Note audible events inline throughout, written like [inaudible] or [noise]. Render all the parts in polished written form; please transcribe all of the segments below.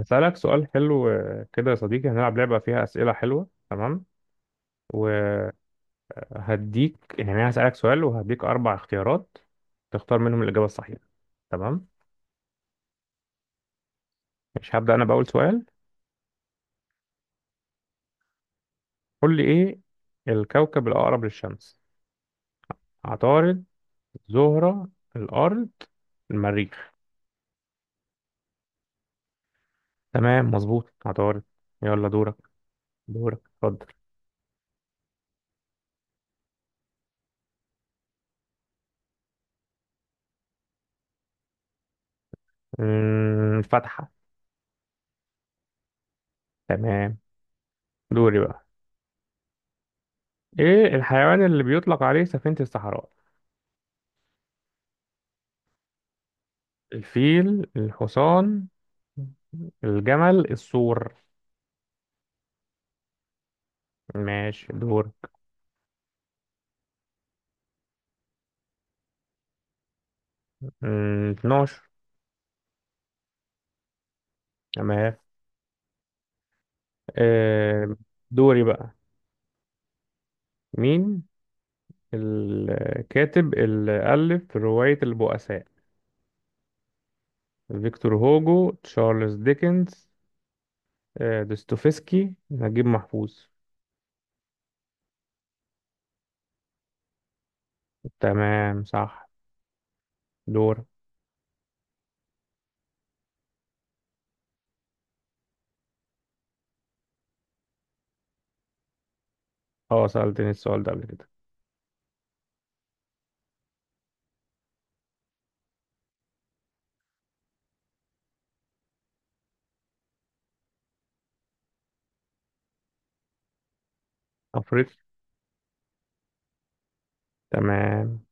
هسألك سؤال حلو آه، كده يا صديقي. هنلعب لعبة فيها أسئلة حلوة. تمام وهديك. يعني أنا هسألك سؤال وهديك أربع اختيارات تختار منهم الإجابة الصحيحة. تمام. مش هبدأ أنا بأول سؤال. قول لي إيه الكوكب الأقرب للشمس؟ عطارد، زهرة، الأرض، المريخ. تمام مظبوط عطارد. يلا دورك. دورك اتفضل. فتحة. تمام. دوري بقى. إيه الحيوان اللي بيطلق عليه سفينة الصحراء؟ الفيل، الحصان، الجمل، السور. ماشي دور. 12. تمام. آه، دوري بقى. مين الكاتب اللي ألف رواية البؤساء؟ فيكتور هوجو، تشارلز ديكنز، دوستويفسكي، نجيب محفوظ. تمام صح. دور. اه، سألتني السؤال ده قبل كده. أفريقيا. تمام.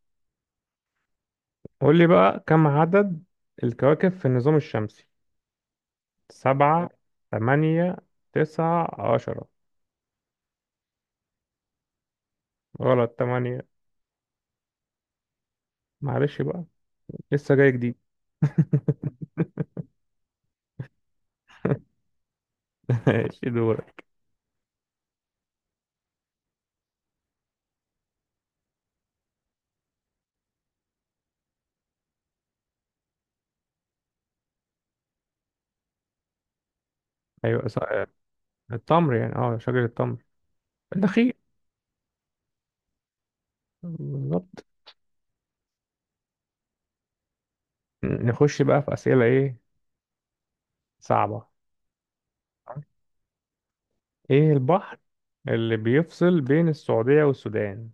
قول لي بقى كم عدد الكواكب في النظام الشمسي؟ سبعة، تمانية، تسعة، 10. غلط، تمانية. معلش بقى، لسه جاي جديد. [laughs] ماشي دورك. أيوة صح. التمر؟ يعني اه شجرة التمر، النخيل. بالظبط. نخش بقى في أسئلة إيه، صعبة. إيه البحر اللي بيفصل بين السعودية والسودان؟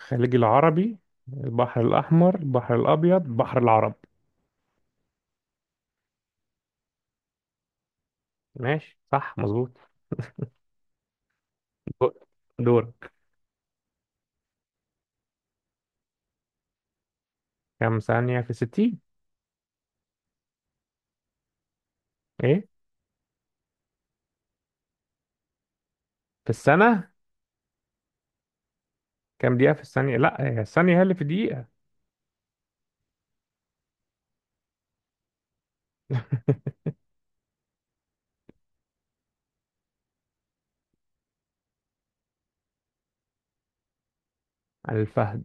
الخليج العربي، البحر الأحمر، البحر الأبيض، بحر العرب. ماشي صح مظبوط. دو- دورك. كم ثانية في 60؟ إيه؟ في السنة؟ كم دقيقة في الثانية؟ لا هي الثانية هي اللي في دقيقة. [laughs] الفهد.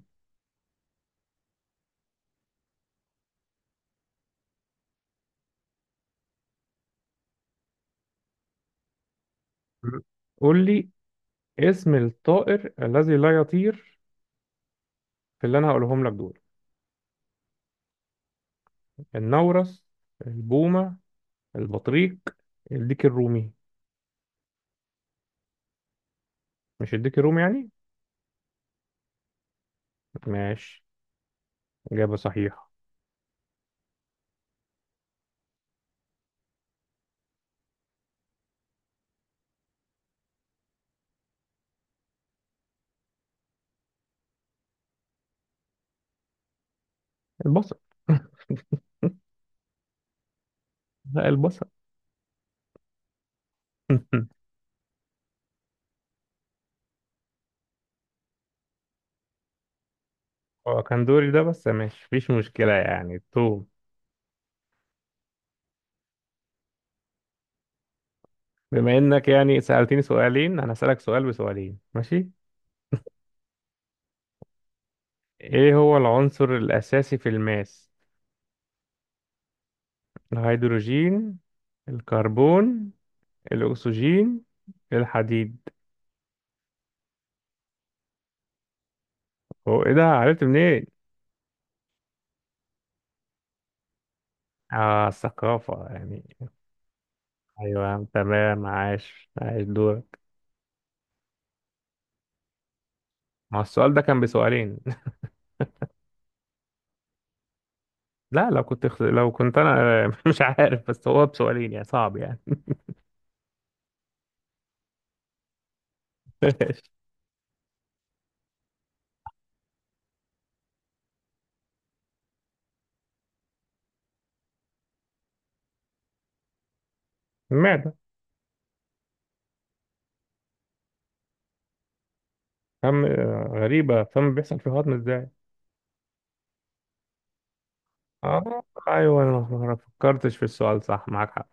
مم. قول لي اسم الطائر الذي لا يطير، في اللي انا هقولهم لك دول: النورس، البومة، البطريق، الديك الرومي. مش الديك الرومي يعني؟ ماشي إجابة صحيحة. البصل. [laughs] لا البصل. [laughs] هو كان دوري ده، بس ماشي مفيش مشكلة، يعني توم. بما انك يعني سألتني سؤالين، انا هسألك سؤال بسؤالين ماشي. ايه هو العنصر الاساسي في الماس؟ الهيدروجين، الكربون، الاكسجين، الحديد. هو ايه ده، عرفت منين؟ اه الثقافة يعني. ايوه تمام، عاش عاش دورك. ما هو السؤال ده كان بسؤالين؟ [laughs] لا لو كنت انا [laughs] مش عارف، بس هو بسؤالين يعني صعب يعني. [laughs] المعدة. فم، غريبة فم بيحصل فيه هضم ازاي؟ اه ايوه، انا ما فكرتش في السؤال، صح معاك حق.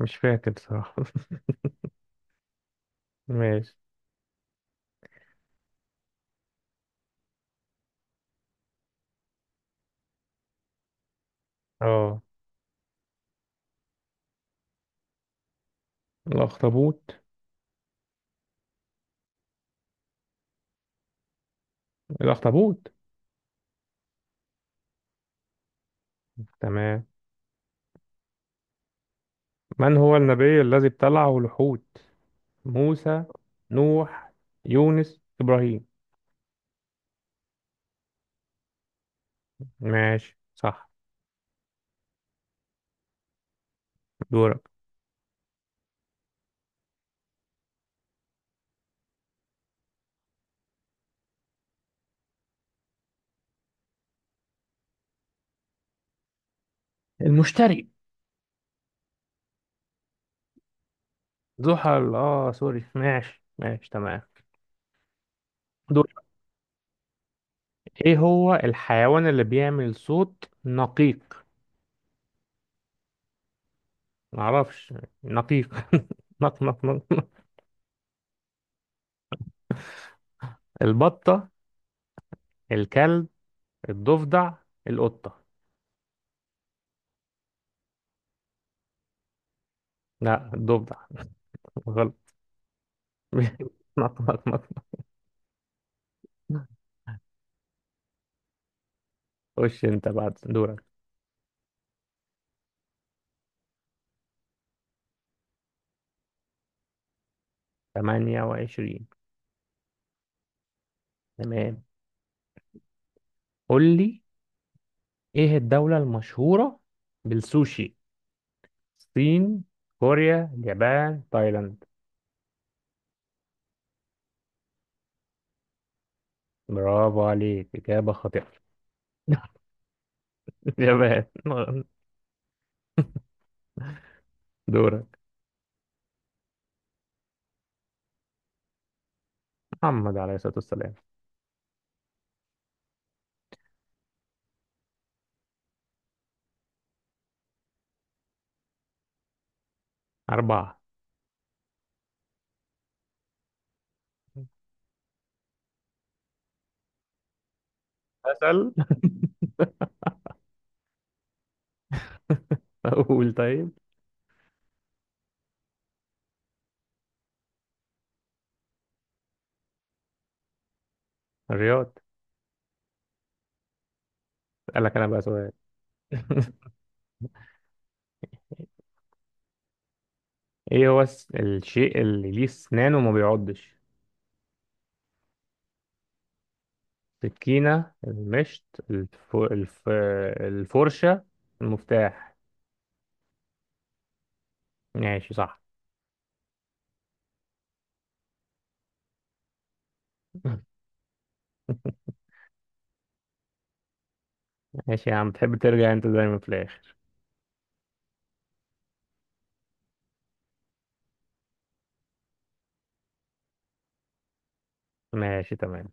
مش فاكر صراحة. [laughs] ماشي. اه الاخطبوط. الاخطبوط. تمام. من هو النبي الذي ابتلعه الحوت؟ موسى، نوح، يونس، إبراهيم. ماشي صح. دورك. المشتري. زحل اه سوري، ماشي ماشي تمام. دورك. ايه هو الحيوان اللي بيعمل صوت نقيق؟ معرفش، نقيق. [laughs] نق نق نق نق. البطة، الكلب، الضفدع، القطة. لا الضفدع. غلط. [laughs] نق نق نق. خش انت بعد دورك. 28. تمام. قول لي ايه الدولة المشهورة بالسوشي؟ الصين، كوريا، اليابان، تايلاند. برافو عليك إجابة خاطئة. [laughs] اليابان. دورك. محمد عليه الصلاة والسلام. أربعة. أسأل. [laughs] أقول طيب. الرياض. أسألك أنا بقى سؤال. [laughs] إيه هو الشيء اللي ليه أسنان وما بيعضش؟ السكينة، المشط، الف... الف... الفرشة، المفتاح. ماشي صح. [laughs] ماشي يا عم، بتحب ترجع أنت دايما في الآخر. ماشي تمام.